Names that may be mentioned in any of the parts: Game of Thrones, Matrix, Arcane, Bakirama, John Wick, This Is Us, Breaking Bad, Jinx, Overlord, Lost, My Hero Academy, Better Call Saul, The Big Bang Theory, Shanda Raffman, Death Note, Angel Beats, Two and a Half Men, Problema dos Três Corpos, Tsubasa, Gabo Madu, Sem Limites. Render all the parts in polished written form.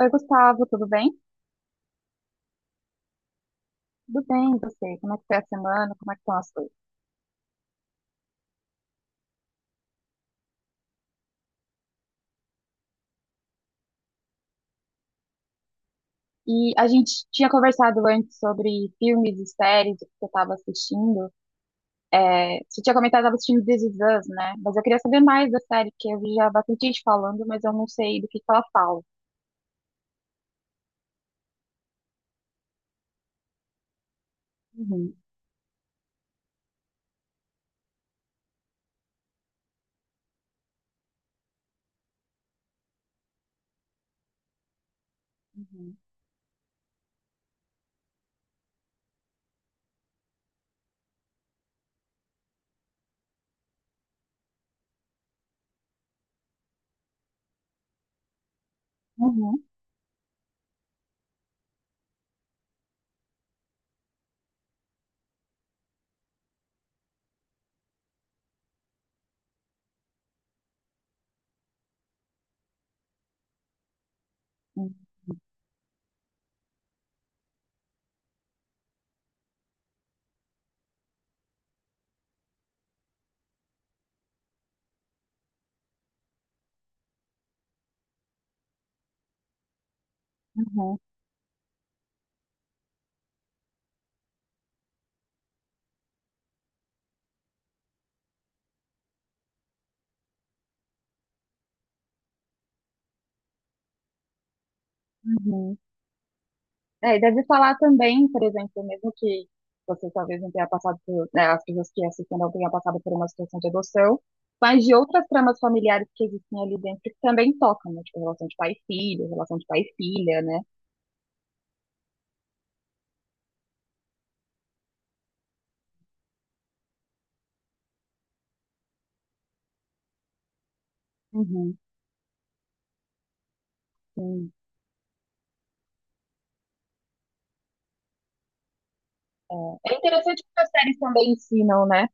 Oi, Gustavo, tudo bem? Tudo bem, e você? Como é que foi a semana? Como é que estão as coisas? E a gente tinha conversado antes sobre filmes e séries que você estava assistindo. É, você tinha comentado que estava assistindo This Is Us, né? Mas eu queria saber mais da série, porque eu vi já bastante gente falando, mas eu não sei do que ela fala. Uhum, uhum, uhum, uhum, uhum, uhum. É, e deve falar também, por exemplo, mesmo que você talvez não tenha passado por, né, as pessoas que assistem não tenham passado por uma situação de adoção, mas de outras tramas familiares que existem ali dentro que também tocam, né? Tipo, relação de pai e filho, relação de pai e filha, né? Uhum, sim. É, é interessante que as séries também ensinam, né?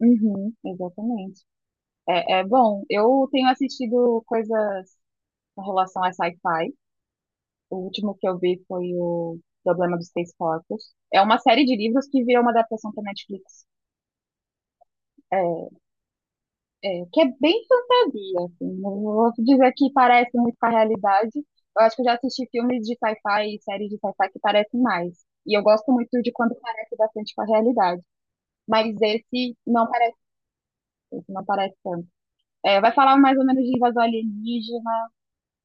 Uhum, exatamente. É, é bom, eu tenho assistido coisas com relação a sci-fi. O último que eu vi foi o Problema dos Três Corpos. É uma série de livros que virou uma adaptação para Netflix. É, é, que é bem fantasia, assim. Não vou dizer que parece muito com a realidade. Eu acho que eu já assisti filmes de sci-fi e séries de sci-fi que parecem mais. E eu gosto muito de quando parece bastante com a realidade. Mas esse não parece tanto. É, vai falar mais ou menos de invasão alienígena,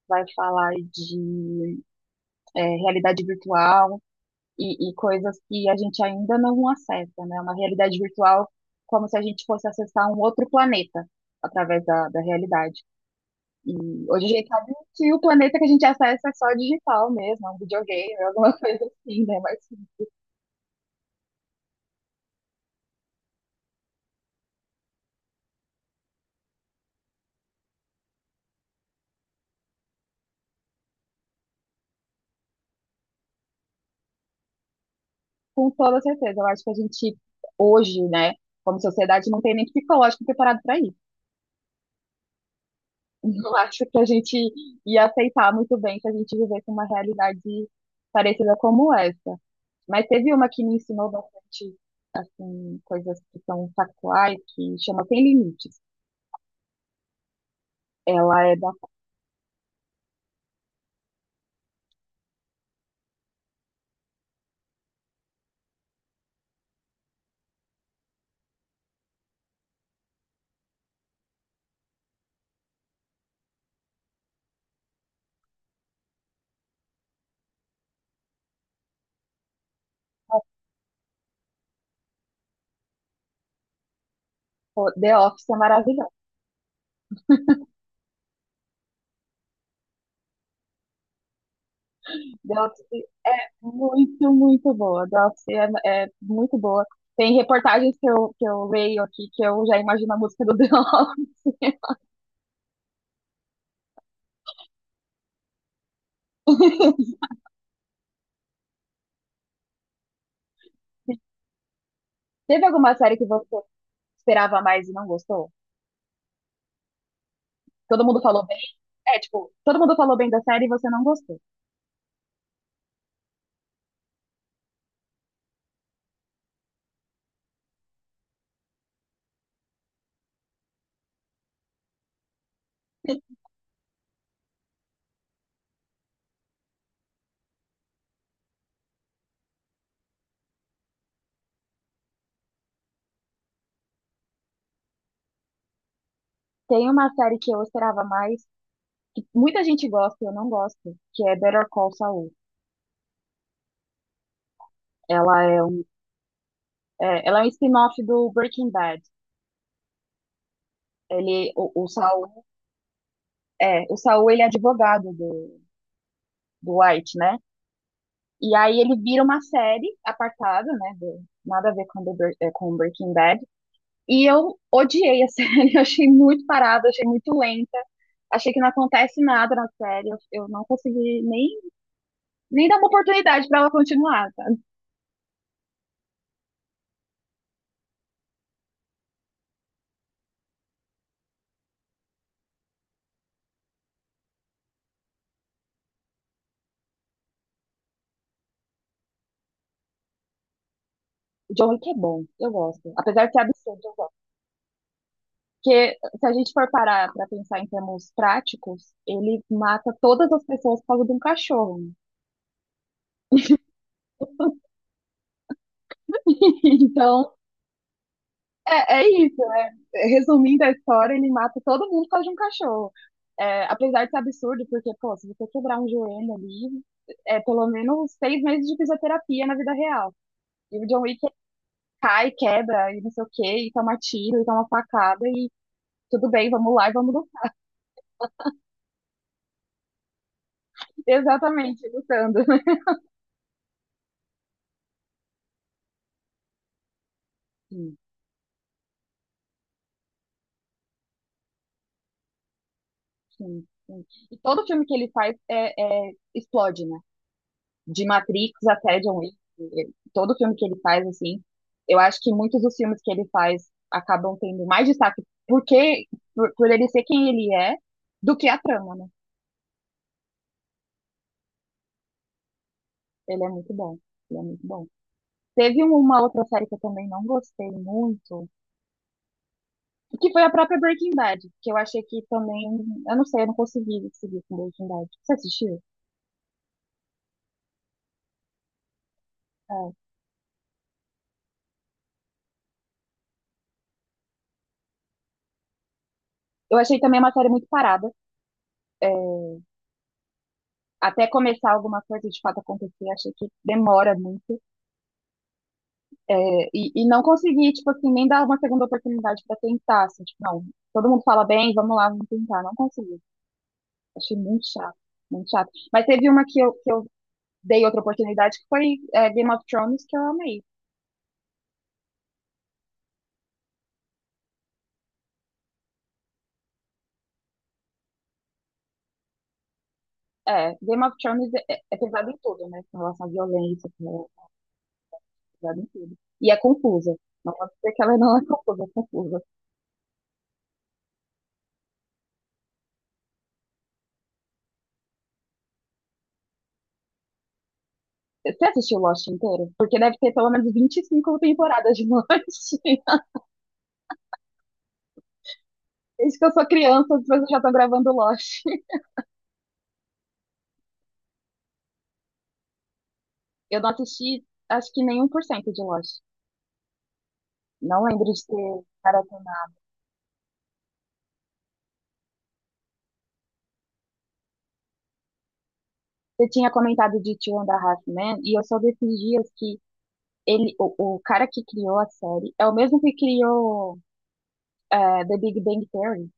vai falar de realidade virtual, e coisas que a gente ainda não acessa, né? Uma realidade virtual como se a gente fosse acessar um outro planeta através da realidade. E hoje a gente sabe que o planeta que a gente acessa é só digital mesmo, é um videogame, alguma coisa assim, né? Mas com toda certeza, eu acho que a gente hoje, né, como sociedade, não tem nem psicológico preparado para isso. Não acho que a gente ia aceitar muito bem se a gente vivesse uma realidade parecida como essa. Mas teve uma que me ensinou bastante, assim, coisas que são factuais, que chama Sem Limites. Ela é da The Office, é maravilhosa. The Office é muito, muito boa. The Office é, é muito boa. Tem reportagens que eu leio aqui que eu já imagino a música do The Office. Teve alguma série que você esperava mais e não gostou? Todo mundo falou bem. É, tipo, todo mundo falou bem da série e você não gostou. Tem uma série que eu esperava mais, que muita gente gosta e eu não gosto, que é Better Call Saul. Ela é um, ela é um spin-off do Breaking Bad. Ele, o Saul, é, o Saul ele é advogado do White, né? E aí ele vira uma série apartada, né? Nada a ver com, com Breaking Bad. E eu odiei a série, eu achei muito parada, achei muito lenta, achei que não acontece nada na série. Eu não consegui nem dar uma oportunidade pra ela continuar, sabe? O John Wick é bom, eu gosto. Apesar de ser absurdo, eu gosto. Porque se a gente for parar para pensar em termos práticos, ele mata todas as pessoas por causa de um cachorro. Então, é, é isso, né? Resumindo a história, ele mata todo mundo por causa de um cachorro. É, apesar de ser absurdo, porque, pô, se você quebrar um joelho ali, é pelo menos 6 meses de fisioterapia na vida real. E o John Wick cai, quebra, e não sei o quê, e toma tiro, e toma facada, e tudo bem, vamos lá e vamos lutar. Exatamente, lutando. Sim, sim. E todo filme que ele faz explode, né? De Matrix até John Wick, todo filme que ele faz, assim, eu acho que muitos dos filmes que ele faz acabam tendo mais destaque porque, por ele ser quem ele é, do que a trama, né? Ele é muito bom, ele é muito bom. Teve um, uma outra série que eu também não gostei muito, que foi a própria Breaking Bad, que eu achei que também, eu não sei, eu não consegui seguir com Breaking Bad. Você assistiu? É. Eu achei também uma série muito parada é, até começar alguma coisa de fato acontecer, achei que demora muito. É, e não consegui, tipo assim, nem dar uma segunda oportunidade para tentar, assim, tipo, não, todo mundo fala bem, vamos lá, vamos tentar. Não consegui. Achei muito chato, muito chato. Mas teve uma que eu dei outra oportunidade, que foi Game of Thrones, que eu amei. É, Game of Thrones é, é pesado em tudo, né? Com relação à violência, é pesado em tudo. E é confusa. Não posso dizer que ela não é confusa, é confusa. Você assistiu Lost inteiro? Porque deve ter pelo menos 25 temporadas de Lost. Desde que eu sou criança, as pessoas já estão gravando Lost. Eu não assisti, acho que nem 1% de Lost. Não lembro de ter maratonado. Você tinha comentado de Two and a Half Men, e eu só vi esses dias que ele, o cara que criou a série é o mesmo que criou The Big Bang Theory.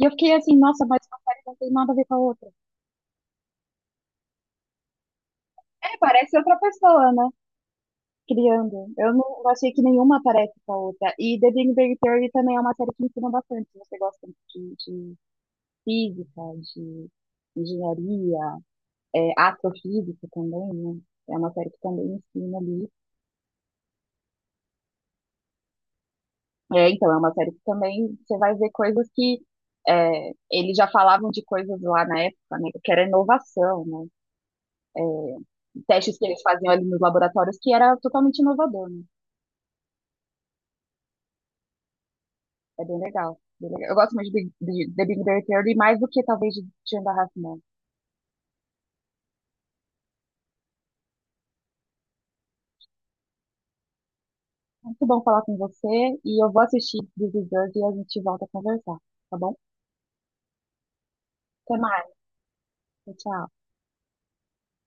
E eu fiquei assim, nossa, mas uma série não tem nada a ver com a outra. É, parece outra pessoa, né? Criando. Eu não eu achei que nenhuma parece com a outra. E The Big Bang Theory também é uma série que ensina bastante. Se você gosta de física, de engenharia, é, astrofísica também, né? É uma série que também ensina ali. É, então, é uma série que também você vai ver coisas que é, eles já falavam de coisas lá na época, né? Que era inovação, né? É, testes que eles faziam ali nos laboratórios que era totalmente inovador, né? É bem legal, bem legal. Eu gosto muito de The Big Bang Theory, mais do que talvez de Shanda Raffman. Muito bom falar com você e eu vou assistir This Is Us e a gente volta a conversar, tá bom? Até mais, tchau. Tchau.